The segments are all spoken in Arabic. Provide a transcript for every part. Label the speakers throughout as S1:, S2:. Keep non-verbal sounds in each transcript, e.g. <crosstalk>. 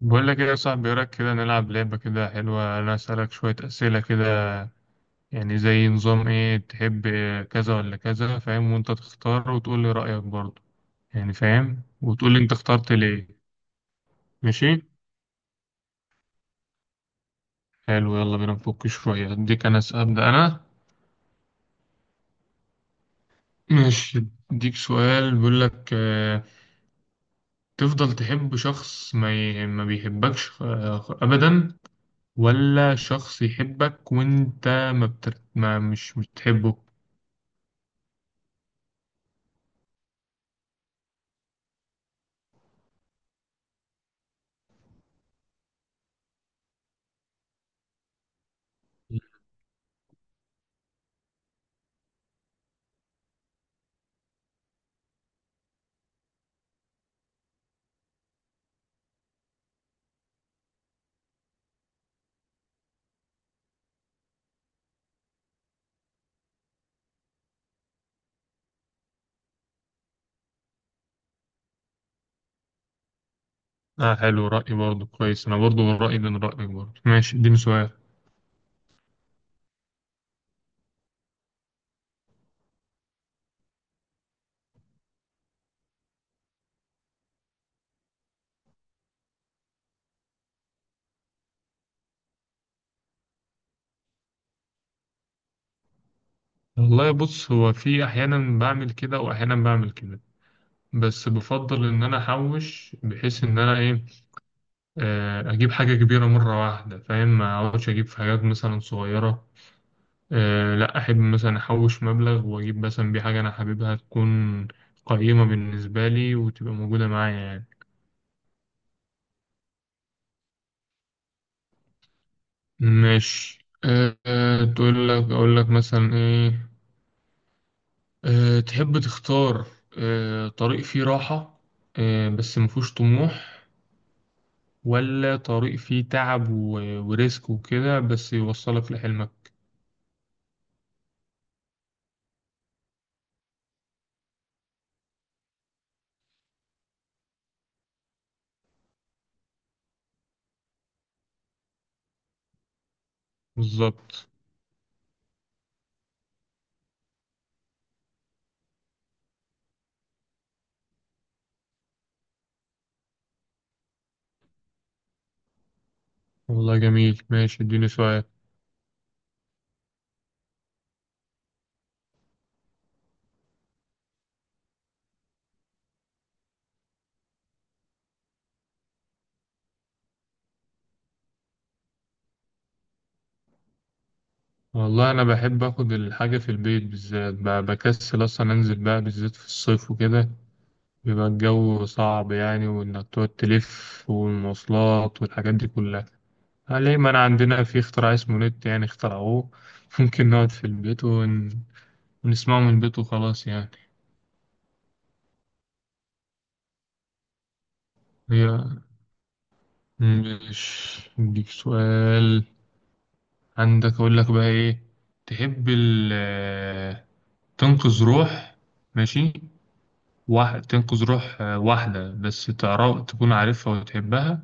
S1: بقول لك ايه يا صاحبي، إيه رايك كده نلعب لعبة كده حلوة؟ انا اسألك شوية اسئلة كده، يعني زي نظام ايه تحب، كذا ولا كذا، فاهم؟ وانت تختار وتقول لي رأيك برضه، يعني فاهم، وتقول لي انت اخترت ليه. ماشي، حلو، يلا بينا نفك شوية. اديك انا ابدأ انا. ماشي، اديك سؤال بيقول لك تفضل تحب شخص ما ما بيحبكش، ابدا، ولا شخص يحبك وانت ما مش بتحبه؟ اه، حلو، رأي برضه كويس، انا برضه من رأيي من رأيك برضه. ماشي اديني سؤال. والله بص، هو في احيانا بعمل كده واحيانا بعمل كده، بس بفضل ان انا احوش، بحيث ان انا ايه، اجيب حاجة كبيرة مرة واحدة، فاهم؟ ما اقعدش اجيب في حاجات مثلا صغيرة. أه، لا احب مثلا احوش مبلغ واجيب مثلا بيه حاجة انا حاببها، تكون قيمة بالنسبة لي وتبقى موجودة معايا يعني. ماشي، أه، تقول لك اقول لك مثلا ايه، أه، تحب تختار أه طريق فيه راحة أه بس مفهوش طموح، ولا طريق فيه تعب وريسك وكده بس يوصلك لحلمك؟ بالظبط. والله جميل، ماشي اديني سؤال. والله أنا بحب أخد الحاجة في البيت، بالذات بكسل أصلا أنزل بقى، بالذات في الصيف وكده بيبقى الجو صعب يعني، وإنك تقعد تلف والمواصلات والحاجات دي كلها ليه؟ ما أنا عندنا في اختراع اسمه نت، يعني اخترعوه <laughs> ممكن نقعد في البيت بنسمعه من البيت وخلاص يعني. هي مش اديك سؤال عندك، اقول لك بقى ايه، تحب ال تنقذ روح، ماشي، واحد تنقذ روح واحدة بس تعرف، تكون عارفها وتحبها،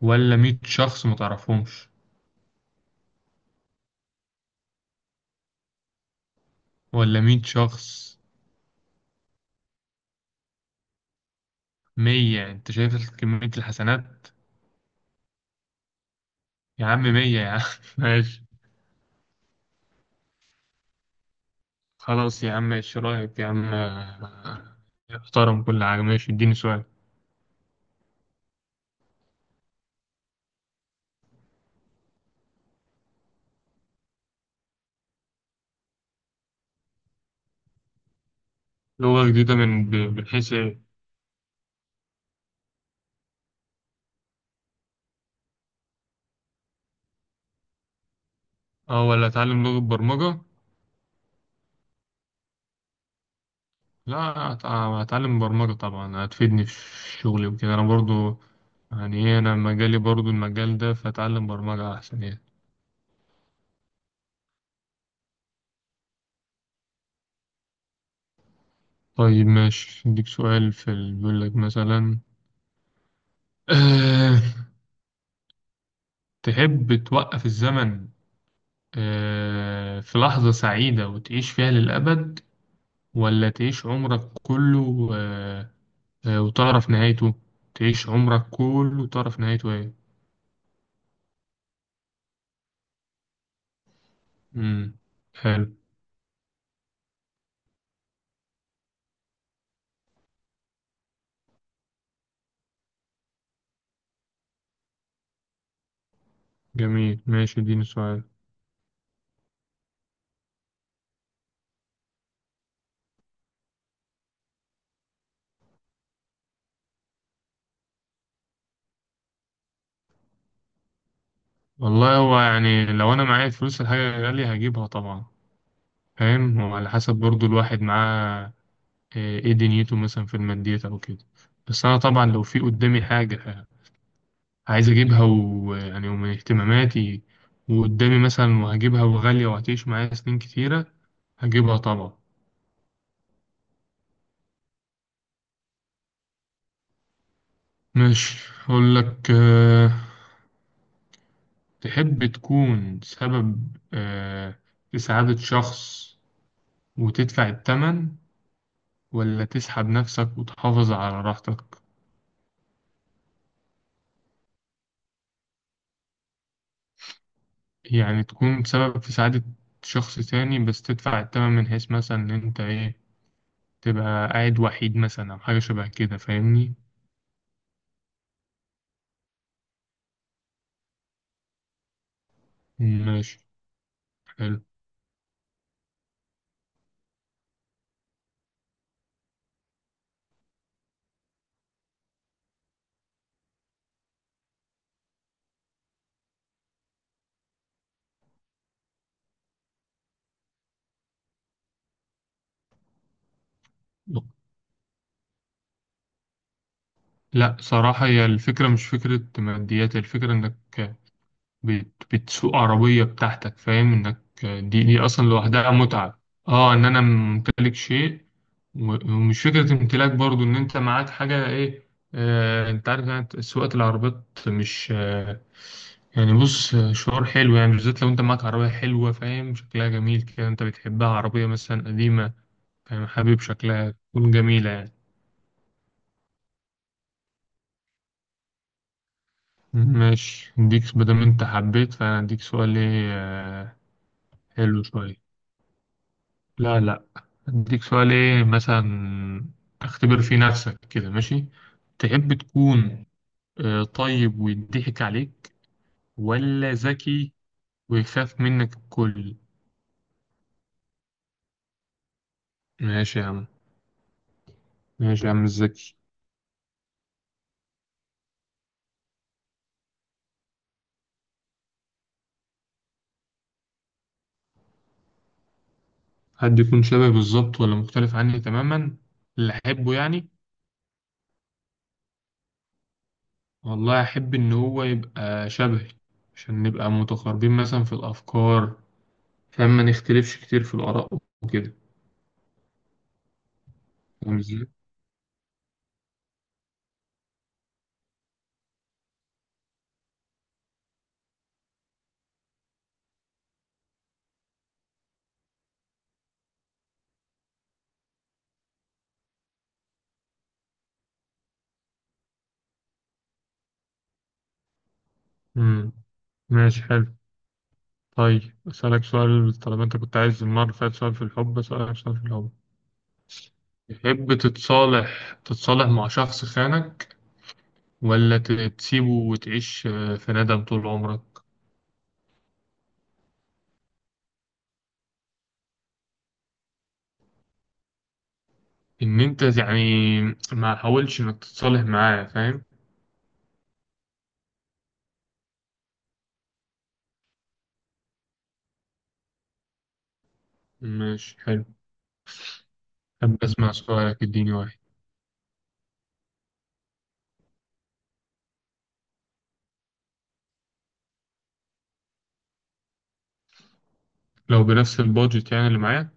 S1: ولا مية شخص ما تعرفهمش؟ ولا مية شخص؟ مية، انت شايف كمية الحسنات؟ يا عم مية يا عم. <laughs> ماشي. خلاص يا عم، ايش رايك يا عم، احترم كل حاجة. ماشي اديني سؤال. لغة جديدة من من حيث إيه؟ أه ولا أتعلم لغة برمجة؟ لا، أتعلم برمجة طبعا، هتفيدني في شغلي وكده، أنا برضو يعني إيه، أنا مجالي برضو المجال ده، فأتعلم برمجة أحسن يعني. طيب ماشي، أديك سؤال في بيقول لك مثلا، أه، تحب توقف الزمن أه في لحظة سعيدة وتعيش فيها للأبد، ولا تعيش عمرك كله أه وتعرف نهايته؟ تعيش عمرك كله وتعرف نهايته إيه؟ امم حلو. جميل ماشي اديني سؤال. والله هو يعني لو انا معايا فلوس، الحاجة غالية هجيبها طبعا، فاهم؟ وعلى حسب برضو الواحد معاه ايه دنيته، مثلا في الماديات او كده، بس انا طبعا لو في قدامي حاجة عايز اجيبها ويعني ومن اهتماماتي وقدامي مثلا، وهجيبها وغالية وهتعيش معايا سنين كتيرة، هجيبها طبعا. ماشي اقول لك تحب تكون سبب في سعادة شخص وتدفع التمن، ولا تسحب نفسك وتحافظ على راحتك؟ يعني تكون سبب في سعادة شخص تاني، بس تدفع التمن من حيث مثلا إن أنت إيه، تبقى قاعد وحيد مثلا أو حاجة شبه كده، فاهمني؟ ماشي حلو. لا صراحة، هي الفكرة مش فكرة ماديات، الفكرة إنك بتسوق عربية بتاعتك، فاهم؟ انك دي اصلا لوحدها متعة، اه ان انا ممتلك شيء، ومش فكرة امتلاك برضو، ان انت معاك حاجة ايه، آه انت عارف يعني سواقة العربيات مش آه، يعني بص، شعور حلو يعني، بالذات لو انت معاك عربية حلوة، فاهم؟ شكلها جميل كده، انت بتحبها، عربية مثلا قديمة فاهم، حبيب شكلها تكون جميلة يعني. ماشي اديك، مادام انت حبيت فانا اديك سؤال ايه حلو شوية. لا لا، اديك سؤال ايه مثلا، اختبر في نفسك كده، ماشي؟ تحب تكون طيب ويضحك عليك، ولا ذكي ويخاف منك الكل؟ ماشي يا عم، ماشي يا عم الذكي. حد يكون شبه بالظبط ولا مختلف عني تماما، اللي احبه يعني؟ والله احب ان هو يبقى شبهي، عشان نبقى متقاربين مثلا في الافكار، فما نختلفش كتير في الاراء وكده. فاهم ازاي؟ مم. ماشي حلو، طيب، أسألك سؤال طالما أنت كنت عايز المرة اللي فاتت سؤال في الحب، أسألك سؤال في الحب. تحب تتصالح مع شخص خانك، ولا تسيبه وتعيش في ندم طول عمرك؟ إن أنت يعني ما حاولش إنك تتصالح معاه، فاهم؟ ماشي حلو، أحب أسمع سؤالك، اديني واحد. لو بنفس البادجت يعني اللي معايا؟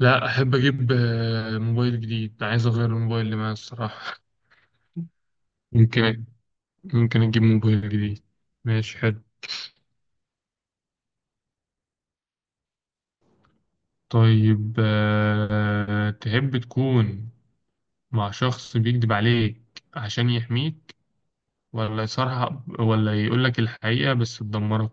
S1: لا، أحب أجيب موبايل جديد، عايز أغير الموبايل اللي معايا الصراحة. <laughs> ممكن، ممكن أجيب موبايل جديد. ماشي حلو. طيب تحب تكون مع شخص بيكذب عليك عشان يحميك، ولا يصارحك ولا يقولك الحقيقة بس تدمرك؟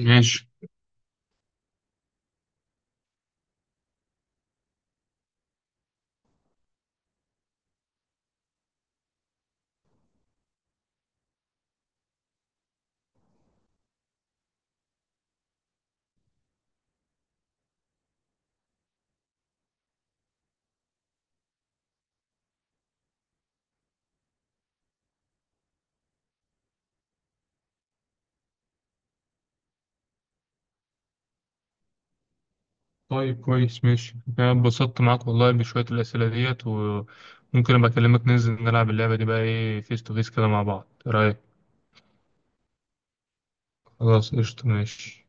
S1: ماشي. طيب كويس ماشي، أنا اتبسطت معاك والله بشوية الأسئلة ديت، وممكن أبقى أكلمك ننزل نلعب اللعبة دي بقى، إيه فيس تو فيس كده مع بعض، إيه رأيك؟ خلاص قشطة، ماشي.